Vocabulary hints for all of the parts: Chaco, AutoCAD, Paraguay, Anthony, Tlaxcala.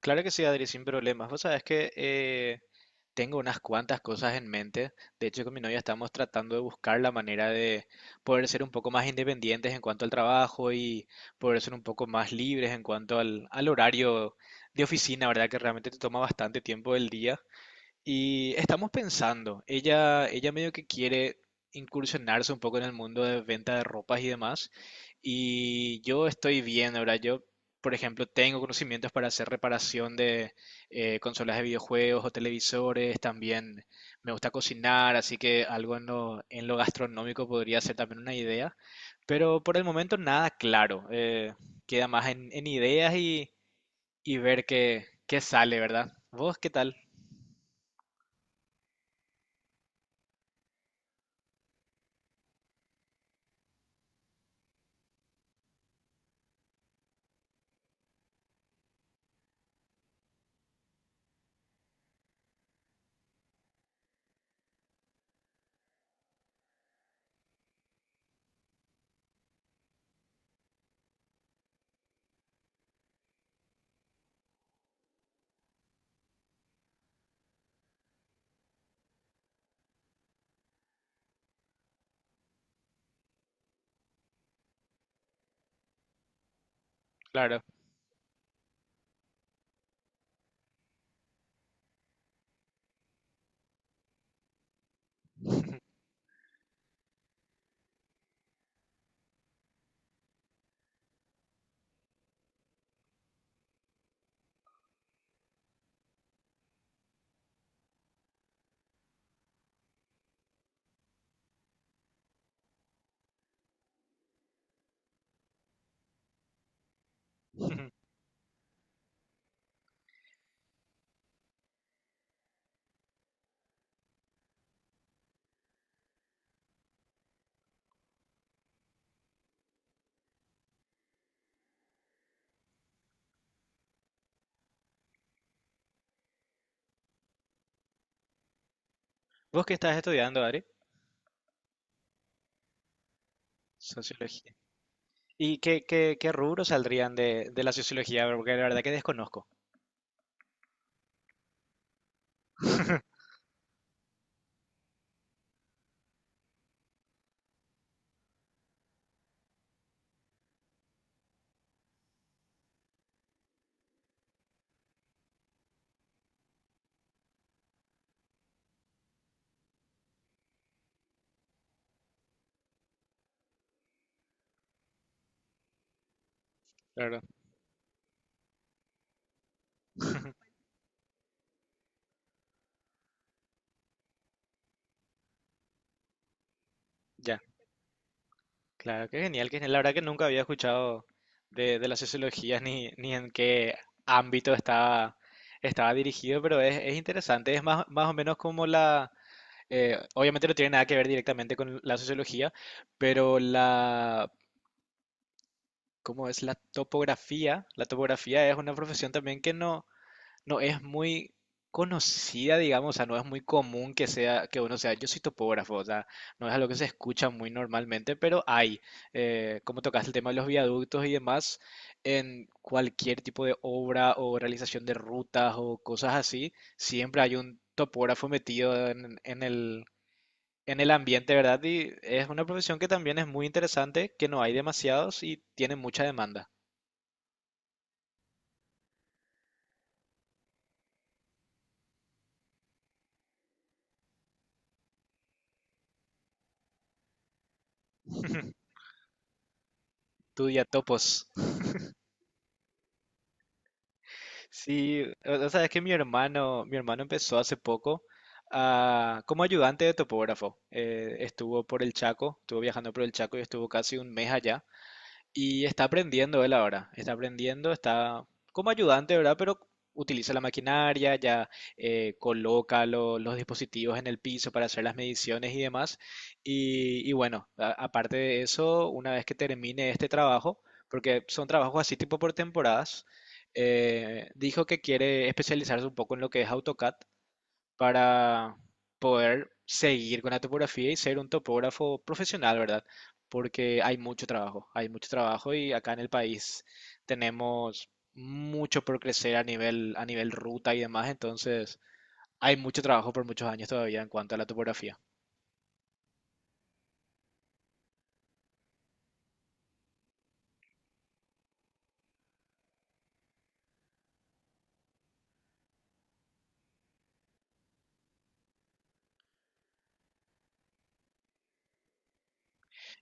Claro que sí, Adri, sin problemas. Vos sabés que tengo unas cuantas cosas en mente. De hecho, con mi novia estamos tratando de buscar la manera de poder ser un poco más independientes en cuanto al trabajo y poder ser un poco más libres en cuanto al horario de oficina, ¿verdad? Que realmente te toma bastante tiempo del día. Y estamos pensando, ella medio que quiere incursionarse un poco en el mundo de venta de ropas y demás. Y yo estoy bien, ahora yo, por ejemplo, tengo conocimientos para hacer reparación de consolas de videojuegos o televisores, también me gusta cocinar, así que algo en lo gastronómico podría ser también una idea. Pero por el momento nada claro, queda más en ideas y ver qué sale, ¿verdad? ¿Vos qué tal? Claro. ¿Vos qué estás estudiando, Ari? Sociología. ¿Y qué rubros saldrían de la sociología? Porque la verdad que desconozco. Claro. Ya, claro, qué genial. Que La verdad que nunca había escuchado de la sociología ni en qué ámbito estaba dirigido, pero es interesante. Es más, más o menos como la... obviamente no tiene nada que ver directamente con la sociología, pero la... ¿Cómo es la topografía? La topografía es una profesión también que no es muy conocida, digamos, o sea, no es muy común que uno sea, yo soy topógrafo, o sea, no es algo que se escucha muy normalmente, pero hay, como tocaste el tema de los viaductos y demás, en cualquier tipo de obra o realización de rutas o cosas así, siempre hay un topógrafo metido en el ambiente, ¿verdad? Y es una profesión que también es muy interesante, que no hay demasiados y tiene mucha demanda. Tú ya topos. Sí, o sea, es que mi hermano empezó hace poco ah, como ayudante de topógrafo. Estuvo por el Chaco, estuvo viajando por el Chaco y estuvo casi un mes allá. Y está aprendiendo él ahora, está como ayudante, ¿verdad? Pero utiliza la maquinaria, ya coloca los dispositivos en el piso para hacer las mediciones y demás. Y bueno, aparte de eso, una vez que termine este trabajo, porque son trabajos así tipo por temporadas, dijo que quiere especializarse un poco en lo que es AutoCAD para poder seguir con la topografía y ser un topógrafo profesional, ¿verdad? Porque hay mucho trabajo y acá en el país tenemos mucho por crecer a nivel ruta y demás, entonces hay mucho trabajo por muchos años todavía en cuanto a la topografía.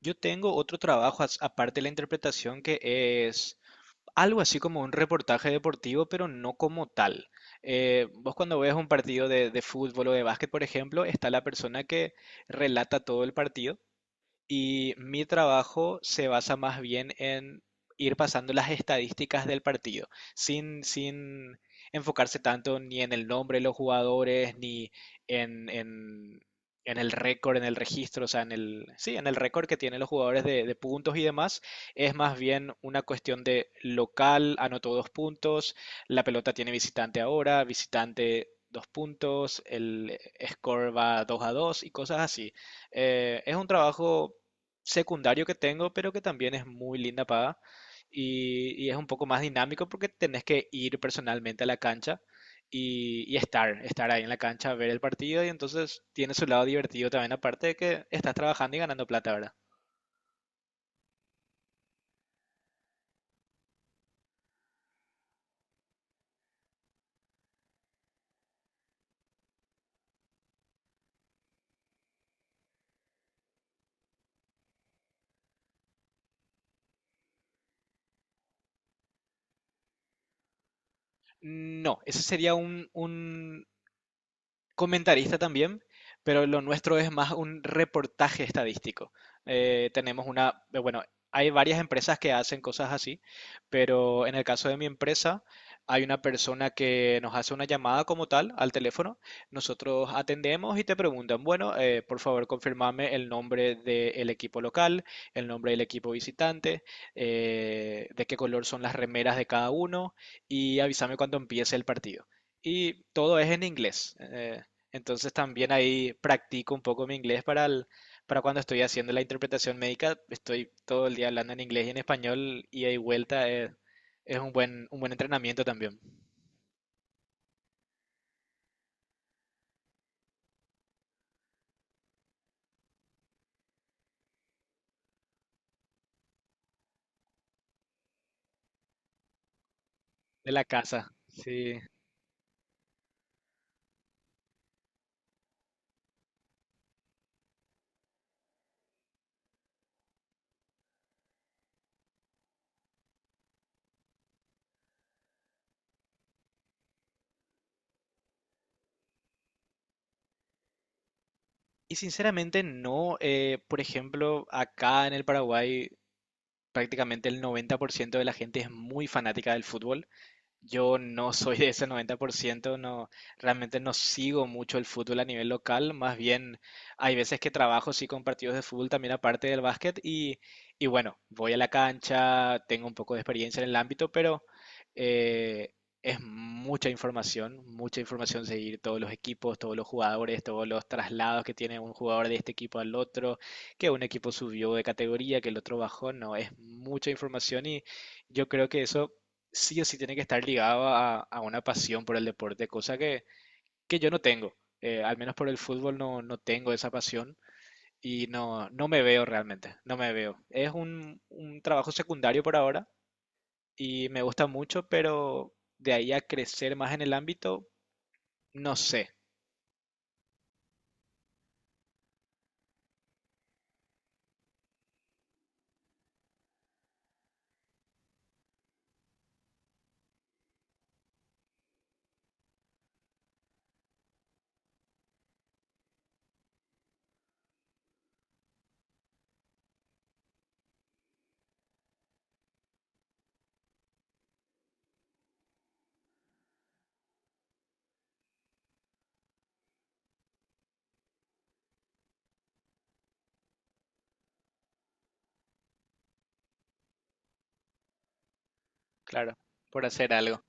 Yo tengo otro trabajo aparte de la interpretación que es algo así como un reportaje deportivo, pero no como tal. Vos cuando ves un partido de fútbol o de básquet, por ejemplo, está la persona que relata todo el partido y mi trabajo se basa más bien en ir pasando las estadísticas del partido, sin enfocarse tanto ni en el nombre de los jugadores, ni en, en el récord, en el registro, o sea, en el, sí, en el récord que tienen los jugadores de puntos y demás. Es más bien una cuestión de local, anotó dos puntos, la pelota tiene visitante ahora, visitante dos puntos, el score va 2 a 2 y cosas así. Es un trabajo secundario que tengo, pero que también es muy linda paga y es un poco más dinámico porque tenés que ir personalmente a la cancha estar ahí en la cancha, ver el partido y entonces tiene su lado divertido también, aparte de que estás trabajando y ganando plata, ¿verdad? No, ese sería comentarista también, pero lo nuestro es más un reportaje estadístico. Bueno, hay varias empresas que hacen cosas así, pero en el caso de mi empresa hay una persona que nos hace una llamada como tal al teléfono. Nosotros atendemos y te preguntan, bueno, por favor, confirmame el nombre del equipo local, el nombre del equipo visitante, de qué color son las remeras de cada uno y avísame cuando empiece el partido. Y todo es en inglés. Entonces también ahí practico un poco mi inglés para cuando estoy haciendo la interpretación médica, estoy todo el día hablando en inglés y en español, y ahí vuelta es un buen entrenamiento también de la casa. Sí. Y sinceramente no, por ejemplo, acá en el Paraguay prácticamente el 90% de la gente es muy fanática del fútbol. Yo no soy de ese 90% no, realmente no sigo mucho el fútbol a nivel local, más bien hay veces que trabajo sí con partidos de fútbol también aparte del básquet y bueno, voy a la cancha, tengo un poco de experiencia en el ámbito, pero eh, es mucha información seguir todos los equipos, todos los jugadores, todos los traslados que tiene un jugador de este equipo al otro, que un equipo subió de categoría, que el otro bajó, no, es mucha información y yo creo que eso sí o sí tiene que estar ligado a una pasión por el deporte, cosa que yo no tengo. Al menos por el fútbol no tengo esa pasión y no me veo realmente, no me veo. Es un trabajo secundario por ahora y me gusta mucho, pero de ahí a crecer más en el ámbito, no sé, claro, por hacer algo.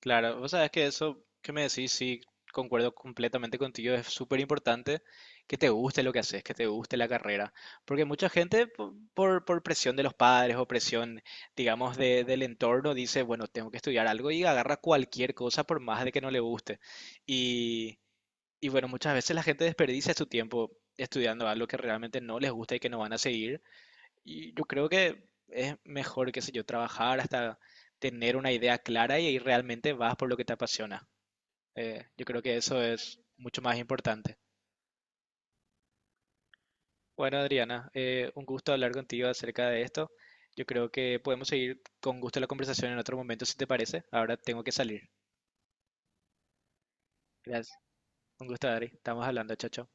Claro, vos sabés que eso que me decís, sí, concuerdo completamente contigo, es súper importante que te guste lo que haces, que te guste la carrera, porque mucha gente por presión de los padres o presión, digamos, del entorno dice, bueno, tengo que estudiar algo y agarra cualquier cosa por más de que no le guste. Y, y bueno, muchas veces la gente desperdicia su tiempo estudiando algo que realmente no les gusta y que no van a seguir. Y yo creo que es mejor, qué sé yo, trabajar hasta tener una idea clara y ahí realmente vas por lo que te apasiona. Yo creo que eso es mucho más importante. Bueno, Adriana, un gusto hablar contigo acerca de esto. Yo creo que podemos seguir con gusto la conversación en otro momento, si te parece. Ahora tengo que salir. Gracias. Un gusto, Adri. Estamos hablando, chao, chao.